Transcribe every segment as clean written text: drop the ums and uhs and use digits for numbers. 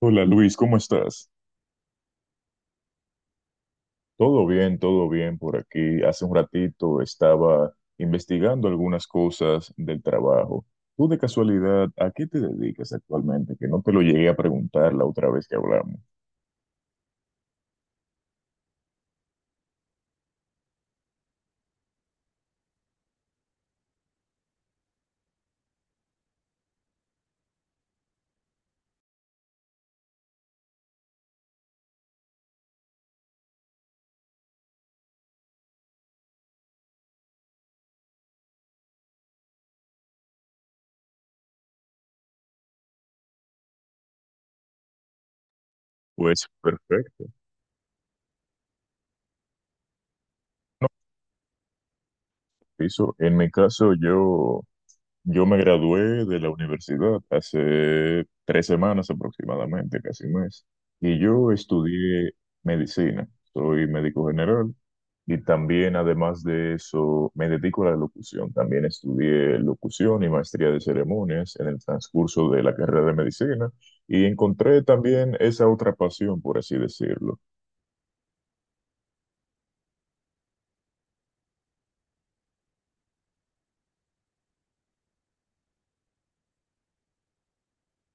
Hola Luis, ¿cómo estás? Todo bien por aquí. Hace un ratito estaba investigando algunas cosas del trabajo. ¿Tú de casualidad a qué te dedicas actualmente? Que no te lo llegué a preguntar la otra vez que hablamos. Pues perfecto. No, eso, en mi caso yo me gradué de la universidad hace 3 semanas aproximadamente, casi un mes, y yo estudié medicina, soy médico general y también además de eso me dedico a la locución, también estudié locución y maestría de ceremonias en el transcurso de la carrera de medicina y encontré también esa otra pasión, por así decirlo,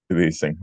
que dicen.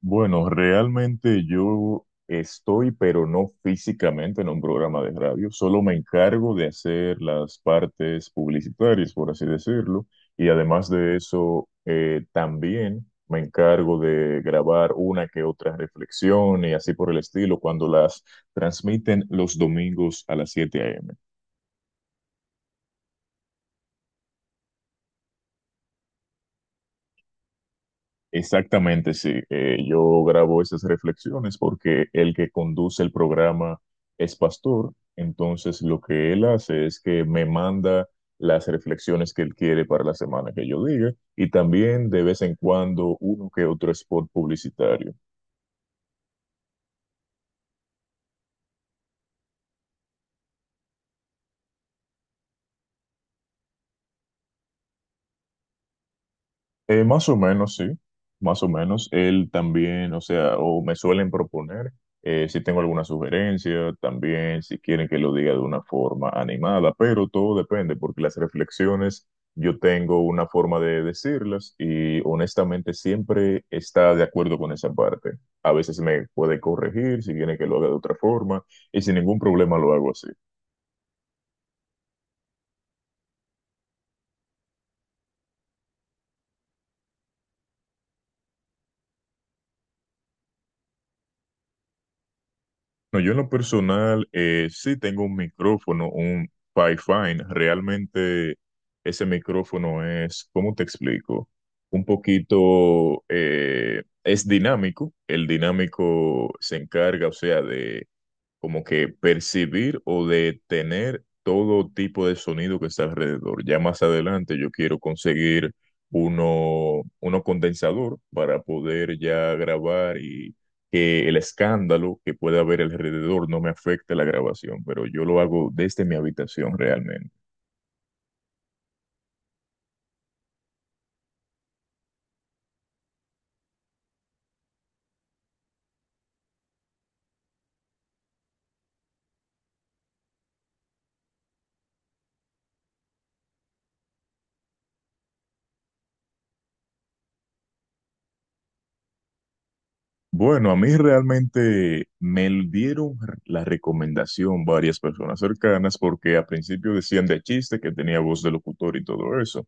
Bueno, realmente yo estoy, pero no físicamente en un programa de radio, solo me encargo de hacer las partes publicitarias, por así decirlo, y además de eso, también me encargo de grabar una que otra reflexión y así por el estilo cuando las transmiten los domingos a las 7 a.m. Exactamente, sí. Yo grabo esas reflexiones porque el que conduce el programa es pastor, entonces lo que él hace es que me manda las reflexiones que él quiere para la semana que yo diga y también de vez en cuando uno que otro spot publicitario. Más o menos, sí, más o menos. Él también, o sea, o me suelen proponer, si tengo alguna sugerencia, también si quieren que lo diga de una forma animada, pero todo depende, porque las reflexiones yo tengo una forma de decirlas y honestamente siempre está de acuerdo con esa parte. A veces me puede corregir si quiere que lo haga de otra forma y sin ningún problema lo hago así. No, yo en lo personal sí tengo un micrófono, un Pyfine. Realmente ese micrófono es, ¿cómo te explico? Un poquito, es dinámico. El dinámico se encarga, o sea, de como que percibir o detener todo tipo de sonido que está alrededor. Ya más adelante yo quiero conseguir uno condensador para poder ya grabar y que el escándalo que pueda haber alrededor no me afecte la grabación, pero yo lo hago desde mi habitación realmente. Bueno, a mí realmente me dieron la recomendación varias personas cercanas porque al principio decían de chiste que tenía voz de locutor y todo eso.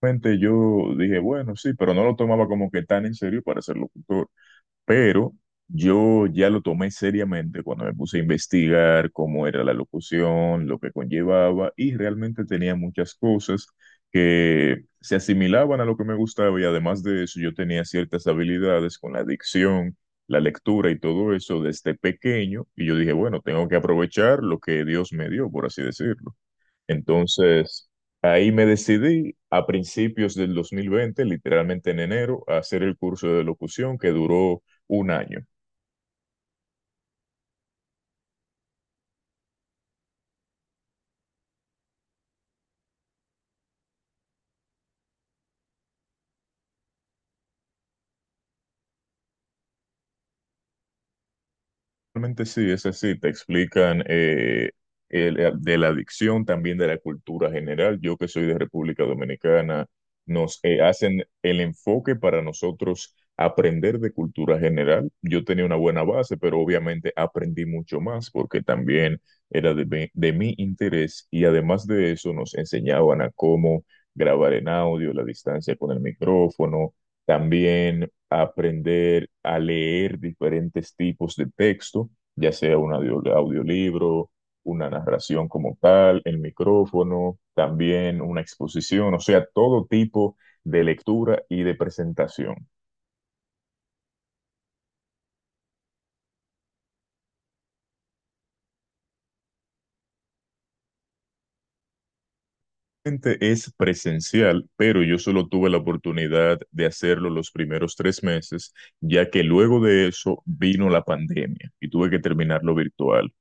Realmente yo dije, bueno, sí, pero no lo tomaba como que tan en serio para ser locutor. Pero yo ya lo tomé seriamente cuando me puse a investigar cómo era la locución, lo que conllevaba, y realmente tenía muchas cosas que se asimilaban a lo que me gustaba y además de eso yo tenía ciertas habilidades con la dicción, la lectura y todo eso desde pequeño, y yo dije, bueno, tengo que aprovechar lo que Dios me dio, por así decirlo. Entonces, ahí me decidí a principios del 2020, literalmente en enero, a hacer el curso de locución que duró 1 año. Realmente sí, es así, te explican de la adicción, también de la cultura general. Yo que soy de República Dominicana, nos hacen el enfoque para nosotros aprender de cultura general. Yo tenía una buena base, pero obviamente aprendí mucho más porque también era de mi interés y además de eso nos enseñaban a cómo grabar en audio, la distancia con el micrófono. También aprender a leer diferentes tipos de texto, ya sea un audiolibro, una narración como tal, el micrófono, también una exposición, o sea, todo tipo de lectura y de presentación. Realmente es presencial, pero yo solo tuve la oportunidad de hacerlo los primeros 3 meses, ya que luego de eso vino la pandemia y tuve que terminarlo virtual.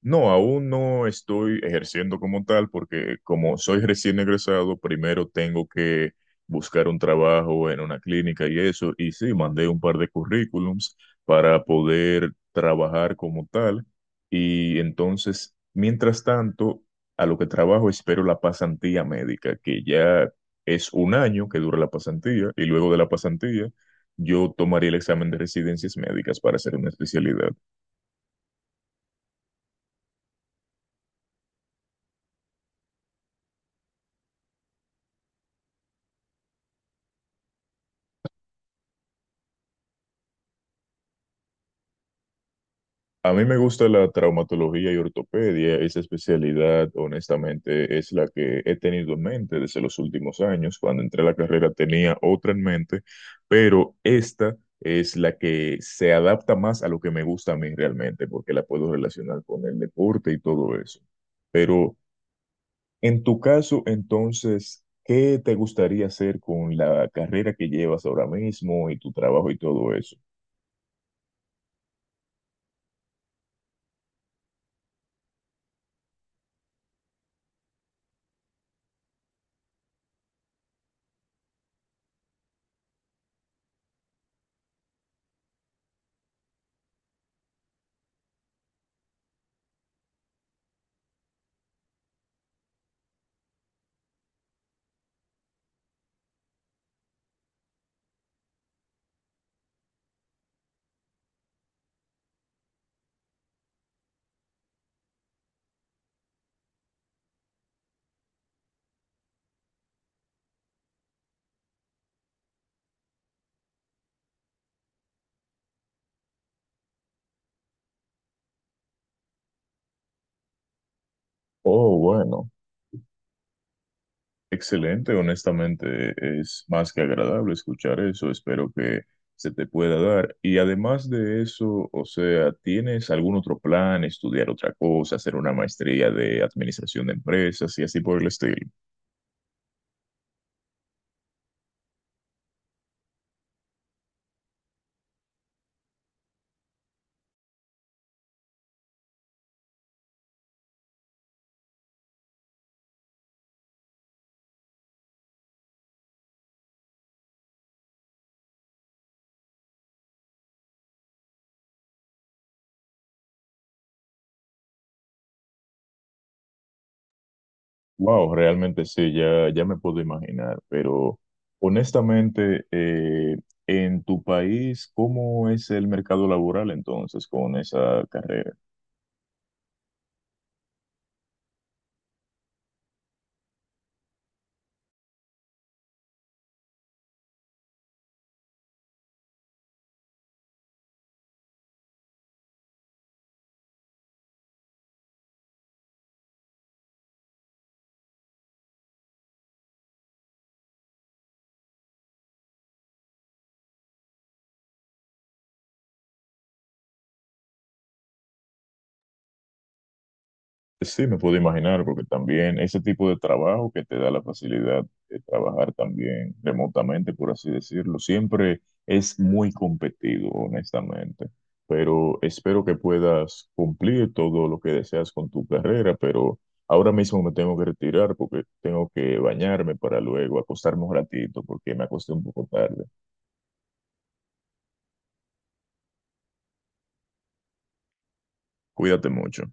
No, aún no estoy ejerciendo como tal porque como soy recién egresado, primero tengo que buscar un trabajo en una clínica y eso. Y sí, mandé un par de currículums para poder trabajar como tal. Y entonces, mientras tanto, a lo que trabajo espero la pasantía médica, que ya es 1 año que dura la pasantía. Y luego de la pasantía, yo tomaría el examen de residencias médicas para hacer una especialidad. A mí me gusta la traumatología y ortopedia. Esa especialidad, honestamente, es la que he tenido en mente desde los últimos años. Cuando entré a la carrera tenía otra en mente, pero esta es la que se adapta más a lo que me gusta a mí realmente, porque la puedo relacionar con el deporte y todo eso. Pero en tu caso, entonces, ¿qué te gustaría hacer con la carrera que llevas ahora mismo y tu trabajo y todo eso? Oh, bueno. Excelente, honestamente es más que agradable escuchar eso, espero que se te pueda dar. Y además de eso, o sea, ¿tienes algún otro plan, estudiar otra cosa, hacer una maestría de administración de empresas y así por el estilo? Wow, realmente sí, ya, ya me puedo imaginar, pero honestamente, en tu país, ¿cómo es el mercado laboral entonces con esa carrera? Sí, me puedo imaginar, porque también ese tipo de trabajo que te da la facilidad de trabajar también remotamente, por así decirlo, siempre es muy competido, honestamente. Pero espero que puedas cumplir todo lo que deseas con tu carrera, pero ahora mismo me tengo que retirar porque tengo que bañarme para luego acostarme un ratito, porque me acosté un poco tarde. Cuídate mucho.